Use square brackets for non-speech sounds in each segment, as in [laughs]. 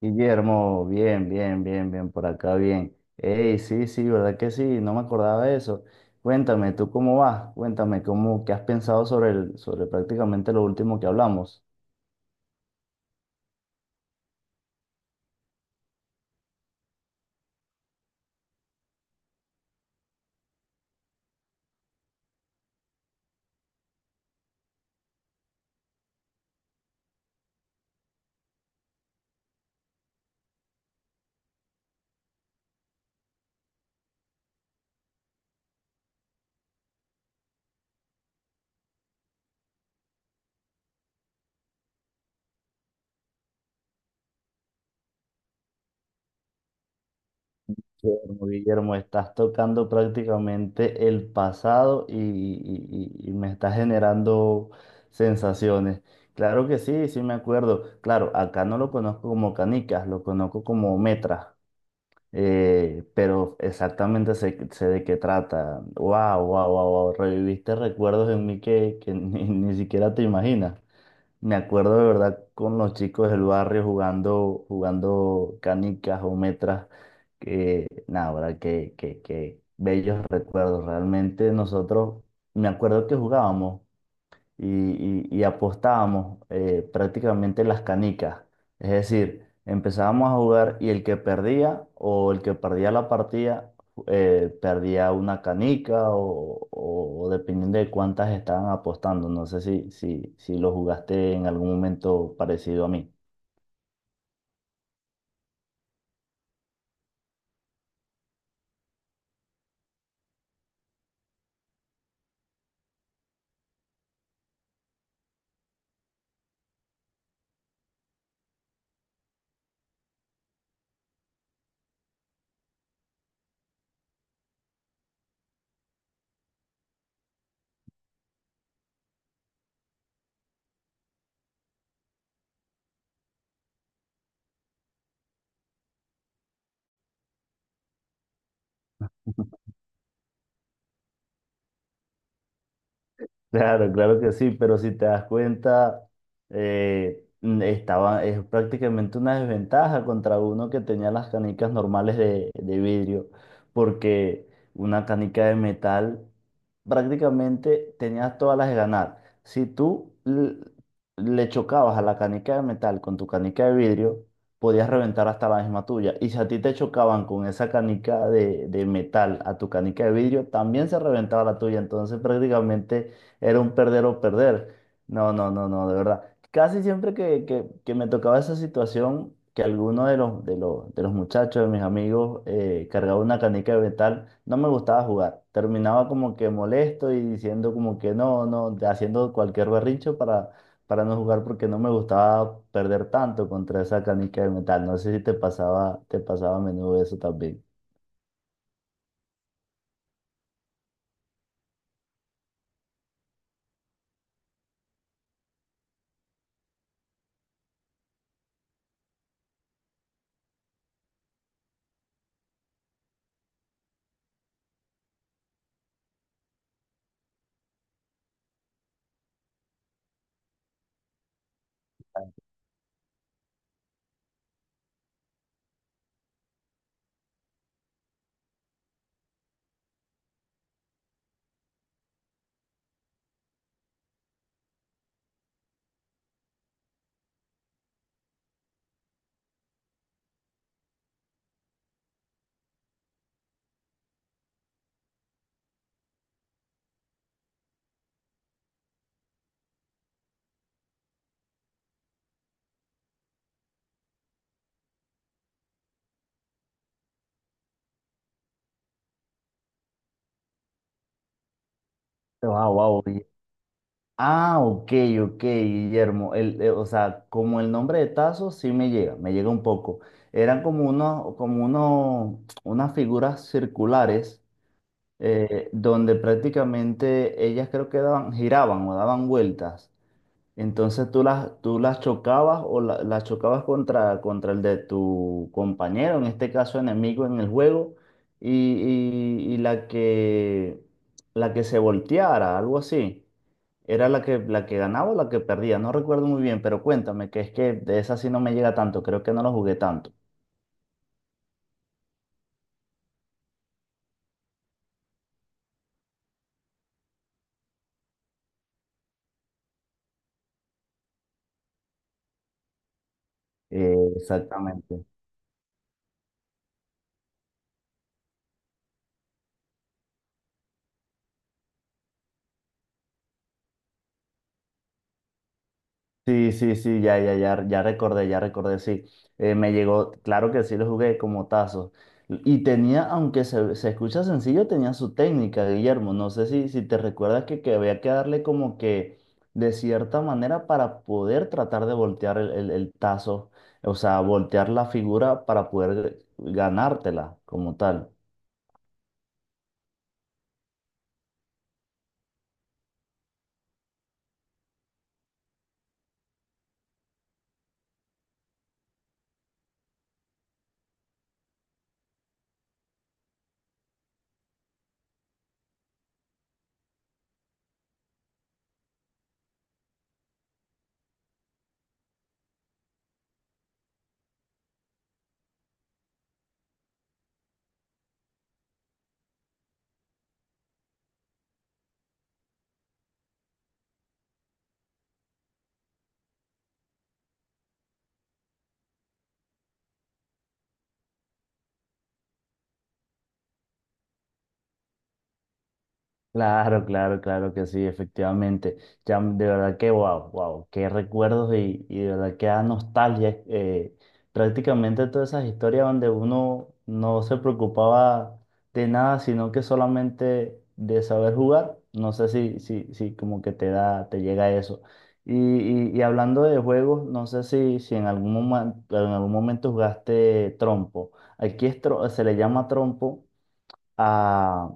Guillermo, bien, bien, bien, bien, por acá, bien. Ey, sí, sí, ¿verdad que sí? No me acordaba de eso. Cuéntame, ¿tú cómo vas? Cuéntame, ¿qué has pensado sobre sobre prácticamente lo último que hablamos? Guillermo, Guillermo, estás tocando prácticamente el pasado y me estás generando sensaciones. Claro que sí, sí me acuerdo. Claro, acá no lo conozco como canicas, lo conozco como metra. Pero exactamente sé, sé de qué trata. Wow, wow, wow, wow. Reviviste recuerdos en mí que [laughs] ni siquiera te imaginas. Me acuerdo de verdad con los chicos del barrio jugando canicas o metras. Que, nada, verdad, que bellos recuerdos. Realmente nosotros, me acuerdo que jugábamos y apostábamos prácticamente las canicas. Es decir, empezábamos a jugar y el que perdía la partida perdía una canica o dependiendo de cuántas estaban apostando. No sé si lo jugaste en algún momento parecido a mí. Claro, claro que sí, pero si te das cuenta, es prácticamente una desventaja contra uno que tenía las canicas normales de vidrio, porque una canica de metal prácticamente tenías todas las de ganar. Si tú l- Le chocabas a la canica de metal con tu canica de vidrio, podías reventar hasta la misma tuya. Y si a ti te chocaban con esa canica de metal a tu canica de vidrio, también se reventaba la tuya. Entonces prácticamente era un perder o perder. No, no, no, no, de verdad. Casi siempre que me tocaba esa situación, que alguno de los muchachos, de mis amigos, cargaba una canica de metal, no me gustaba jugar. Terminaba como que molesto y diciendo como que no, no, haciendo cualquier berrincho para no jugar porque no me gustaba perder tanto contra esa canica de metal. No sé si te pasaba, te pasaba a menudo eso también. Wow, wow. Ah, ok, ok, Guillermo. O sea, como el nombre de tazo sí me llega un poco. Eran como unos, unas figuras circulares donde prácticamente ellas creo que daban, giraban o daban vueltas. Entonces tú las chocabas o las chocabas contra, contra el de tu compañero, en este caso enemigo en el juego, y la que se volteara, algo así, era la que ganaba o la que perdía. No recuerdo muy bien, pero cuéntame, que es que de esa sí no me llega tanto, creo que no lo jugué tanto. Exactamente. Sí, sí, sí, ya, ya, ya, ya recordé, sí. Me llegó, claro que sí lo jugué como tazo. Y tenía, aunque se escucha sencillo, tenía su técnica, Guillermo. No sé si te recuerdas que había que darle como que de cierta manera para poder tratar de voltear el tazo, o sea, voltear la figura para poder ganártela como tal. Claro, claro, claro que sí, efectivamente. Ya, de verdad que wow, wow, qué recuerdos y de verdad que da nostalgia. Prácticamente todas esas historias donde uno no se preocupaba de nada, sino que solamente de saber jugar. No sé si como que te da, te llega eso. Y hablando de juegos, no sé si, si en algún momento jugaste trompo. Aquí es se le llama trompo, ah,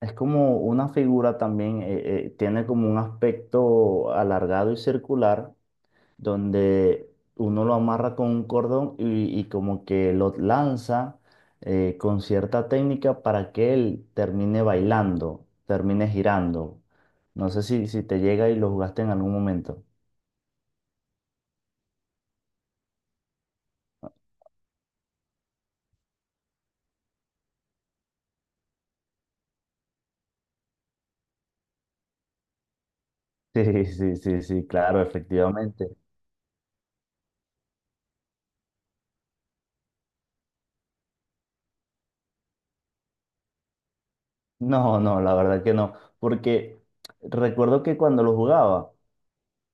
es como una figura también, tiene como un aspecto alargado y circular, donde uno lo amarra con un cordón y como que lo lanza con cierta técnica para que él termine bailando, termine girando. No sé si te llega y lo jugaste en algún momento. [laughs] Sí, sí, sí, sí, claro, efectivamente. No, no, la verdad que no, porque recuerdo que cuando lo jugaba,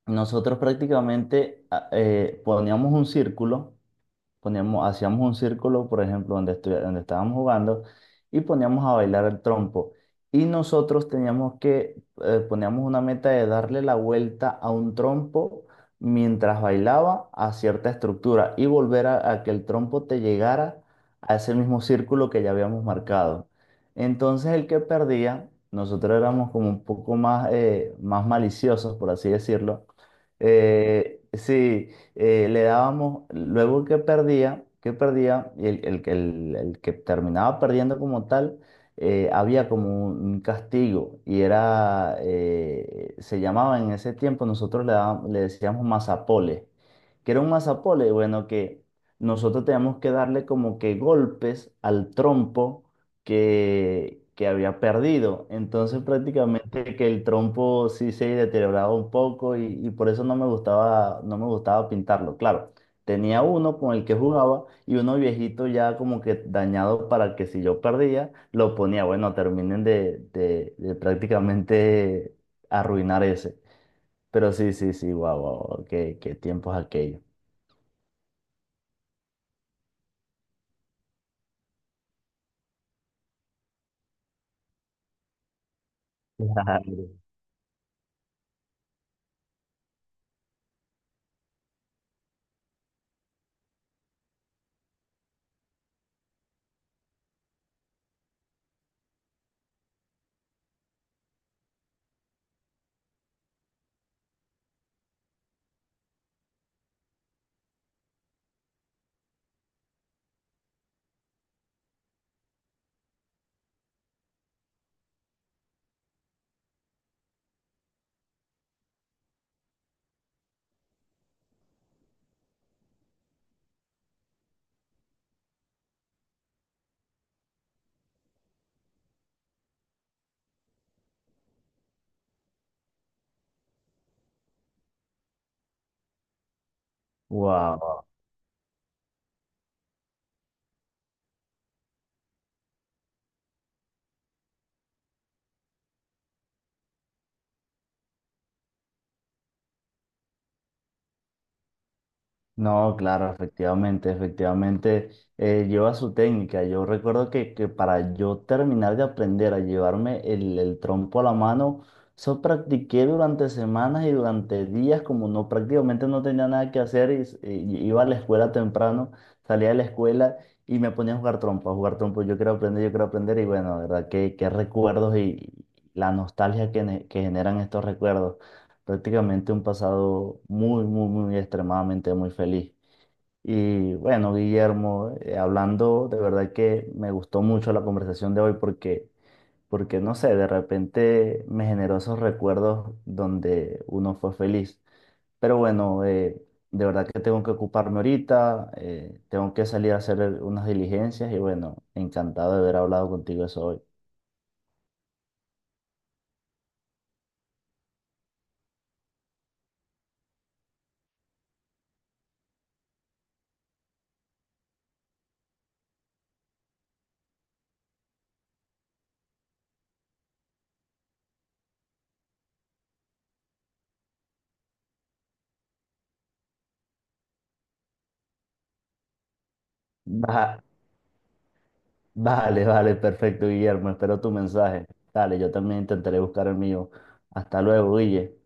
nosotros prácticamente a- poníamos un círculo poníamos, hacíamos un círculo, por ejemplo, donde estábamos jugando y poníamos a bailar el trompo. Y nosotros teníamos que, poníamos una meta de darle la vuelta a un trompo mientras bailaba a cierta estructura y volver a que el trompo te llegara a ese mismo círculo que ya habíamos marcado. Entonces el que perdía, nosotros éramos como un poco más, más maliciosos, por así decirlo. Eh, sí Le dábamos, luego que perdía, el que terminaba perdiendo como tal, había como un castigo y era, se llamaba en ese tiempo, nosotros le decíamos mazapole, que era un mazapole, bueno, que nosotros teníamos que darle como que golpes al trompo que había perdido. Entonces prácticamente que el trompo sí se deterioraba un poco y por eso no me gustaba, no me gustaba pintarlo. Claro, tenía uno con el que jugaba y uno viejito ya como que dañado para que si yo perdía, lo ponía. Bueno, terminen de prácticamente arruinar ese. Pero sí, sí, sí, guau, guau, guau, qué tiempos aquellos. Claro. Wow. No, claro, efectivamente, efectivamente, lleva su técnica. Yo recuerdo que para yo terminar de aprender a llevarme el trompo a la mano, eso practiqué durante semanas y durante días, como no prácticamente no tenía nada que hacer y iba a la escuela temprano, salía de la escuela y me ponía a jugar trompo, a jugar trompo. Yo quiero aprender y bueno, de verdad, qué recuerdos y la nostalgia que generan estos recuerdos prácticamente un pasado muy, muy, muy extremadamente muy feliz. Y bueno, Guillermo, hablando, de verdad que me gustó mucho la conversación de hoy porque no sé, de repente me generó esos recuerdos donde uno fue feliz. Pero bueno, de verdad que tengo que ocuparme ahorita, tengo que salir a hacer unas diligencias y bueno, encantado de haber hablado contigo eso hoy. Va- Vale, vale, perfecto, Guillermo. Espero tu mensaje. Dale, yo también intentaré buscar el mío. Hasta luego, Guille.